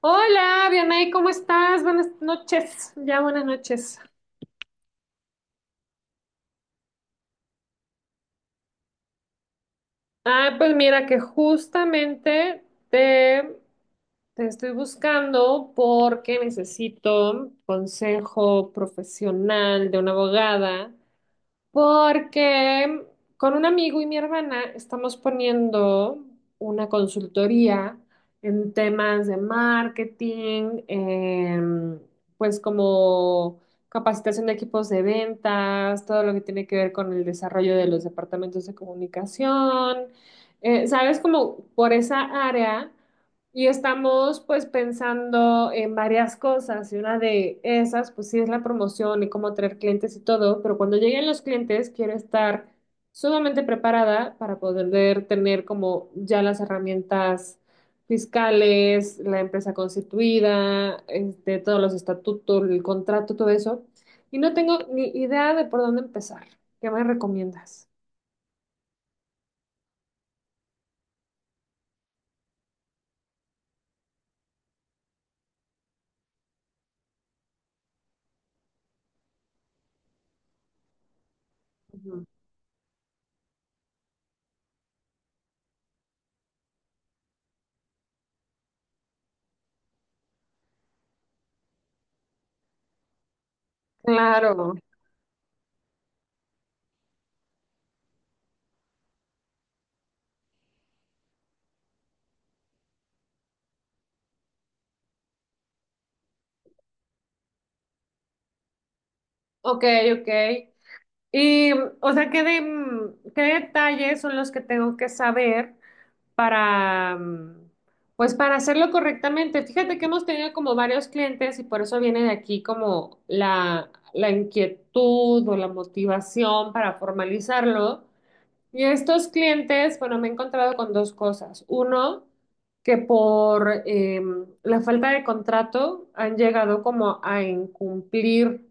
Hola, Dianay, ¿cómo estás? Buenas noches, ya buenas noches. Ah, pues mira que justamente te, te estoy buscando porque necesito consejo profesional de una abogada. Porque con un amigo y mi hermana estamos poniendo una consultoría en temas de marketing, pues como capacitación de equipos de ventas, todo lo que tiene que ver con el desarrollo de los departamentos de comunicación. ¿Sabes? Como por esa área. Y estamos pues pensando en varias cosas y una de esas pues sí es la promoción y cómo traer clientes y todo, pero cuando lleguen los clientes quiero estar sumamente preparada para poder tener como ya las herramientas fiscales, la empresa constituida, este, todos los estatutos, el contrato, todo eso. Y no tengo ni idea de por dónde empezar. ¿Qué me recomiendas? Ujú. Claro, ok, ok. Y, o sea, ¿qué detalles son los que tengo que saber para, pues, para hacerlo correctamente? Fíjate que hemos tenido como varios clientes y por eso viene de aquí como la inquietud o la motivación para formalizarlo. Y estos clientes, bueno, me he encontrado con dos cosas. Uno, que por la falta de contrato han llegado como a incumplir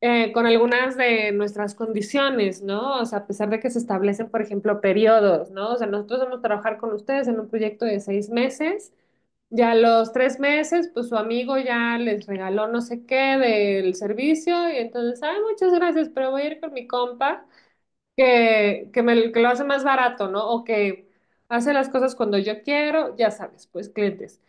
con algunas de nuestras condiciones, ¿no? O sea, a pesar de que se establecen, por ejemplo, periodos, ¿no? O sea, nosotros vamos a trabajar con ustedes en un proyecto de 6 meses. Ya a los 3 meses, pues su amigo ya les regaló no sé qué del servicio y entonces, ay, muchas gracias, pero voy a ir con mi compa que lo hace más barato, ¿no? O que hace las cosas cuando yo quiero, ya sabes, pues clientes.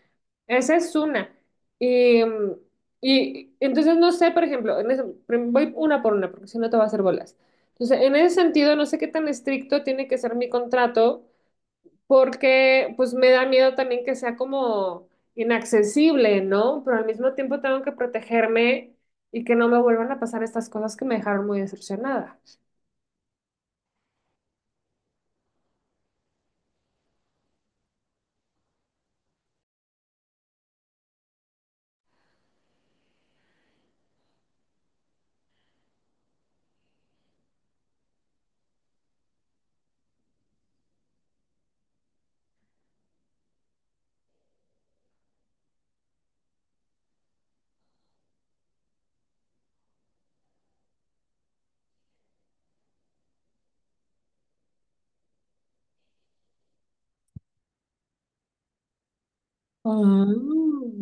Esa es una. Y, y entonces no sé, por ejemplo, voy una por una, porque si no te va a hacer bolas. Entonces, en ese sentido, no sé qué tan estricto tiene que ser mi contrato, porque pues me da miedo también que sea como inaccesible, ¿no? Pero al mismo tiempo tengo que protegerme y que no me vuelvan a pasar estas cosas que me dejaron muy decepcionada. Ah.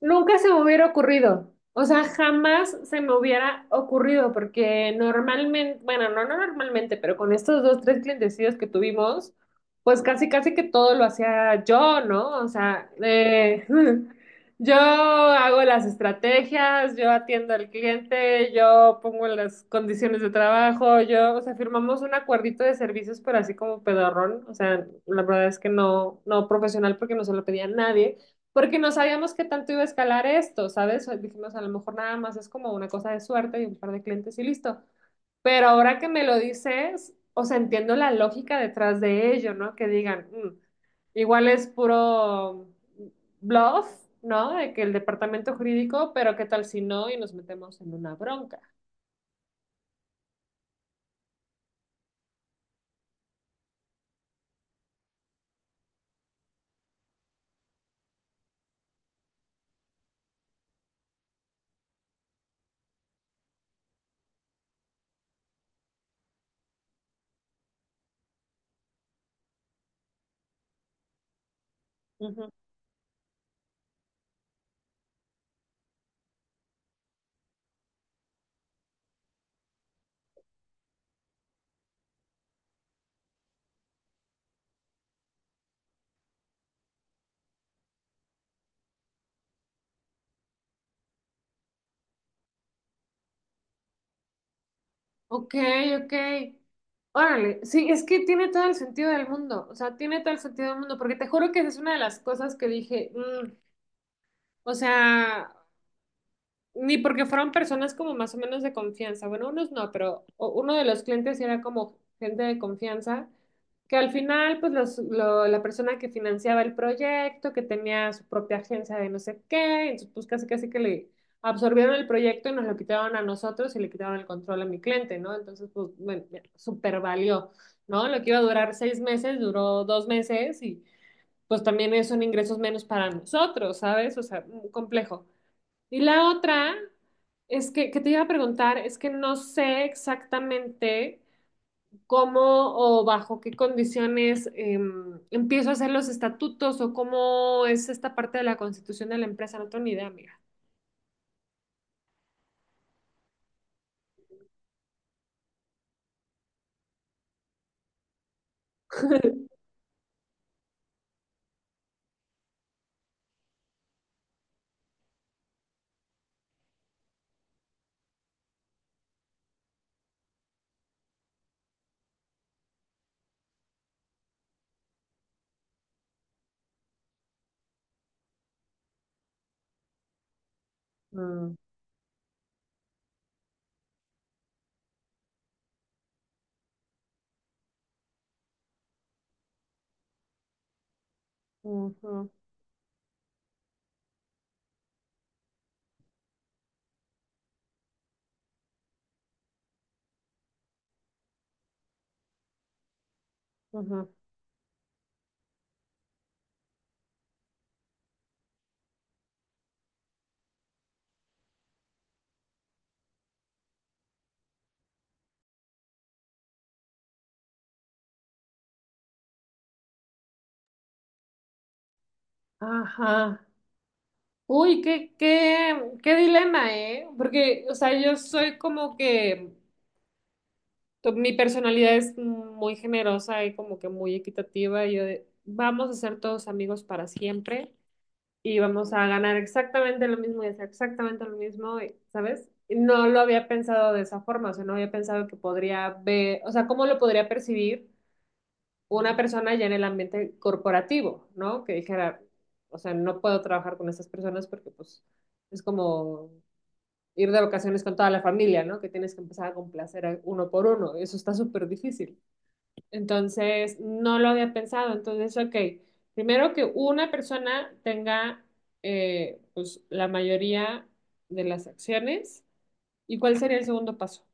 Nunca se me hubiera ocurrido. O sea, jamás se me hubiera ocurrido porque normalmente, bueno, no normalmente, pero con estos dos, tres clientecidos que tuvimos, pues casi, casi que todo lo hacía yo, ¿no? O sea, yo hago las estrategias, yo atiendo al cliente, yo pongo las condiciones de trabajo, yo, o sea, firmamos un acuerdito de servicios, pero así como pedorrón. O sea, la verdad es que no profesional porque no se lo pedía a nadie porque no sabíamos qué tanto iba a escalar esto, ¿sabes? Dijimos, a lo mejor nada más es como una cosa de suerte y un par de clientes y listo. Pero ahora que me lo dices, o sea, entiendo la lógica detrás de ello, ¿no? Que digan, "Mm, igual es puro bluff, ¿no? De que el departamento jurídico, pero qué tal si no y nos metemos en una bronca". Ujú. Ok, ok. Órale, sí, es que tiene todo el sentido del mundo, o sea, tiene todo el sentido del mundo, porque te juro que esa es una de las cosas que dije, "Mm, o sea, ni porque fueron personas como más o menos de confianza". Bueno, unos no, pero uno de los clientes sí era como gente de confianza, que al final, pues la persona que financiaba el proyecto, que tenía su propia agencia de no sé qué, entonces pues casi casi que le absorbieron el proyecto y nos lo quitaron a nosotros y le quitaron el control a mi cliente, ¿no? Entonces, pues, bueno, super valió, ¿no? Lo que iba a durar 6 meses, duró 2 meses y pues también son ingresos menos para nosotros, ¿sabes? O sea, mm, complejo. Y la otra es que te iba a preguntar, es que no sé exactamente cómo o bajo qué condiciones empiezo a hacer los estatutos o cómo es esta parte de la constitución de la empresa. No tengo ni idea, amiga. Mm. Ujú, ujú. Ajá. Uy, qué dilema, ¿eh? Porque, o sea, yo soy como que mi personalidad es muy generosa y como que muy equitativa. Y yo de, vamos a ser todos amigos para siempre, y vamos a ganar exactamente lo mismo y hacer exactamente lo mismo, ¿sabes? No lo había pensado de esa forma, o sea, no había pensado que podría ver, o sea, cómo lo podría percibir una persona ya en el ambiente corporativo, ¿no? Que dijera, o sea, no puedo trabajar con estas personas porque pues es como ir de vacaciones con toda la familia, ¿no? Que tienes que empezar a complacer a uno por uno, eso está súper difícil. Entonces, no lo había pensado. Entonces, ok, primero que una persona tenga pues, la mayoría de las acciones. ¿Y cuál sería el segundo paso?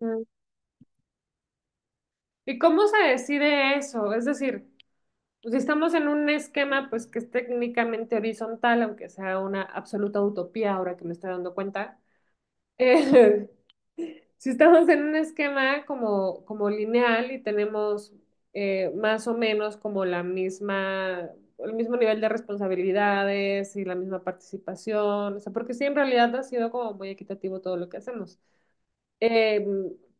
Mm. ¿Y cómo se decide eso? Es decir, pues, si estamos en un esquema pues, que es técnicamente horizontal, aunque sea una absoluta utopía ahora que me estoy dando cuenta, Eh, si estamos en un esquema como lineal y tenemos más o menos como el mismo nivel de responsabilidades y la misma participación, o sea, porque sí, en realidad ha sido como muy equitativo todo lo que hacemos. Eh,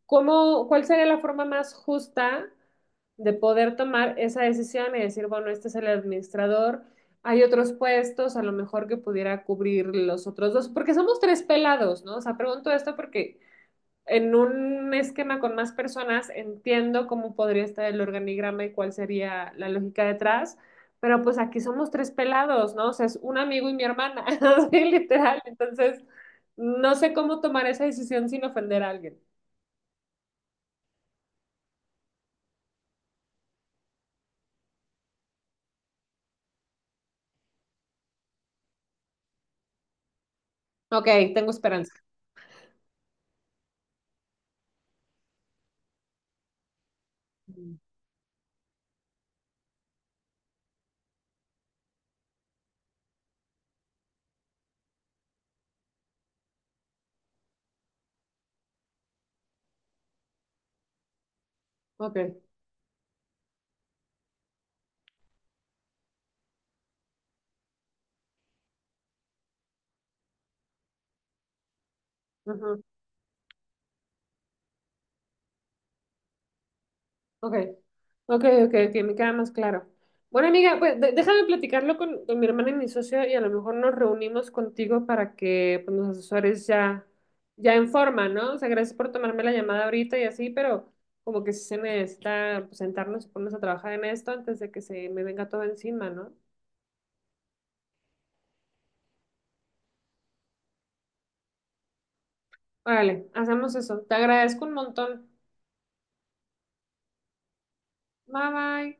¿ cuál sería la forma más justa de poder tomar esa decisión y decir, bueno, este es el administrador, hay otros puestos, a lo mejor que pudiera cubrir los otros dos, porque somos tres pelados, ¿no? O sea, pregunto esto porque en un esquema con más personas entiendo cómo podría estar el organigrama y cuál sería la lógica detrás, pero pues aquí somos tres pelados, ¿no? O sea, es un amigo y mi hermana, así literal, entonces no sé cómo tomar esa decisión sin ofender a alguien. Ok, tengo esperanza. Ok. Ujú. Ok, ok, ok, me queda más claro. Bueno, amiga, pues déjame platicarlo con mi hermana y mi socio y a lo mejor nos reunimos contigo para que pues, los asesores ya, ya en forma, ¿no? O sea, gracias por tomarme la llamada ahorita y así, pero como que sí se necesita pues, sentarnos y ponernos a trabajar en esto antes de que se me venga todo encima, ¿no? Órale, hacemos eso. Te agradezco un montón. Bye bye.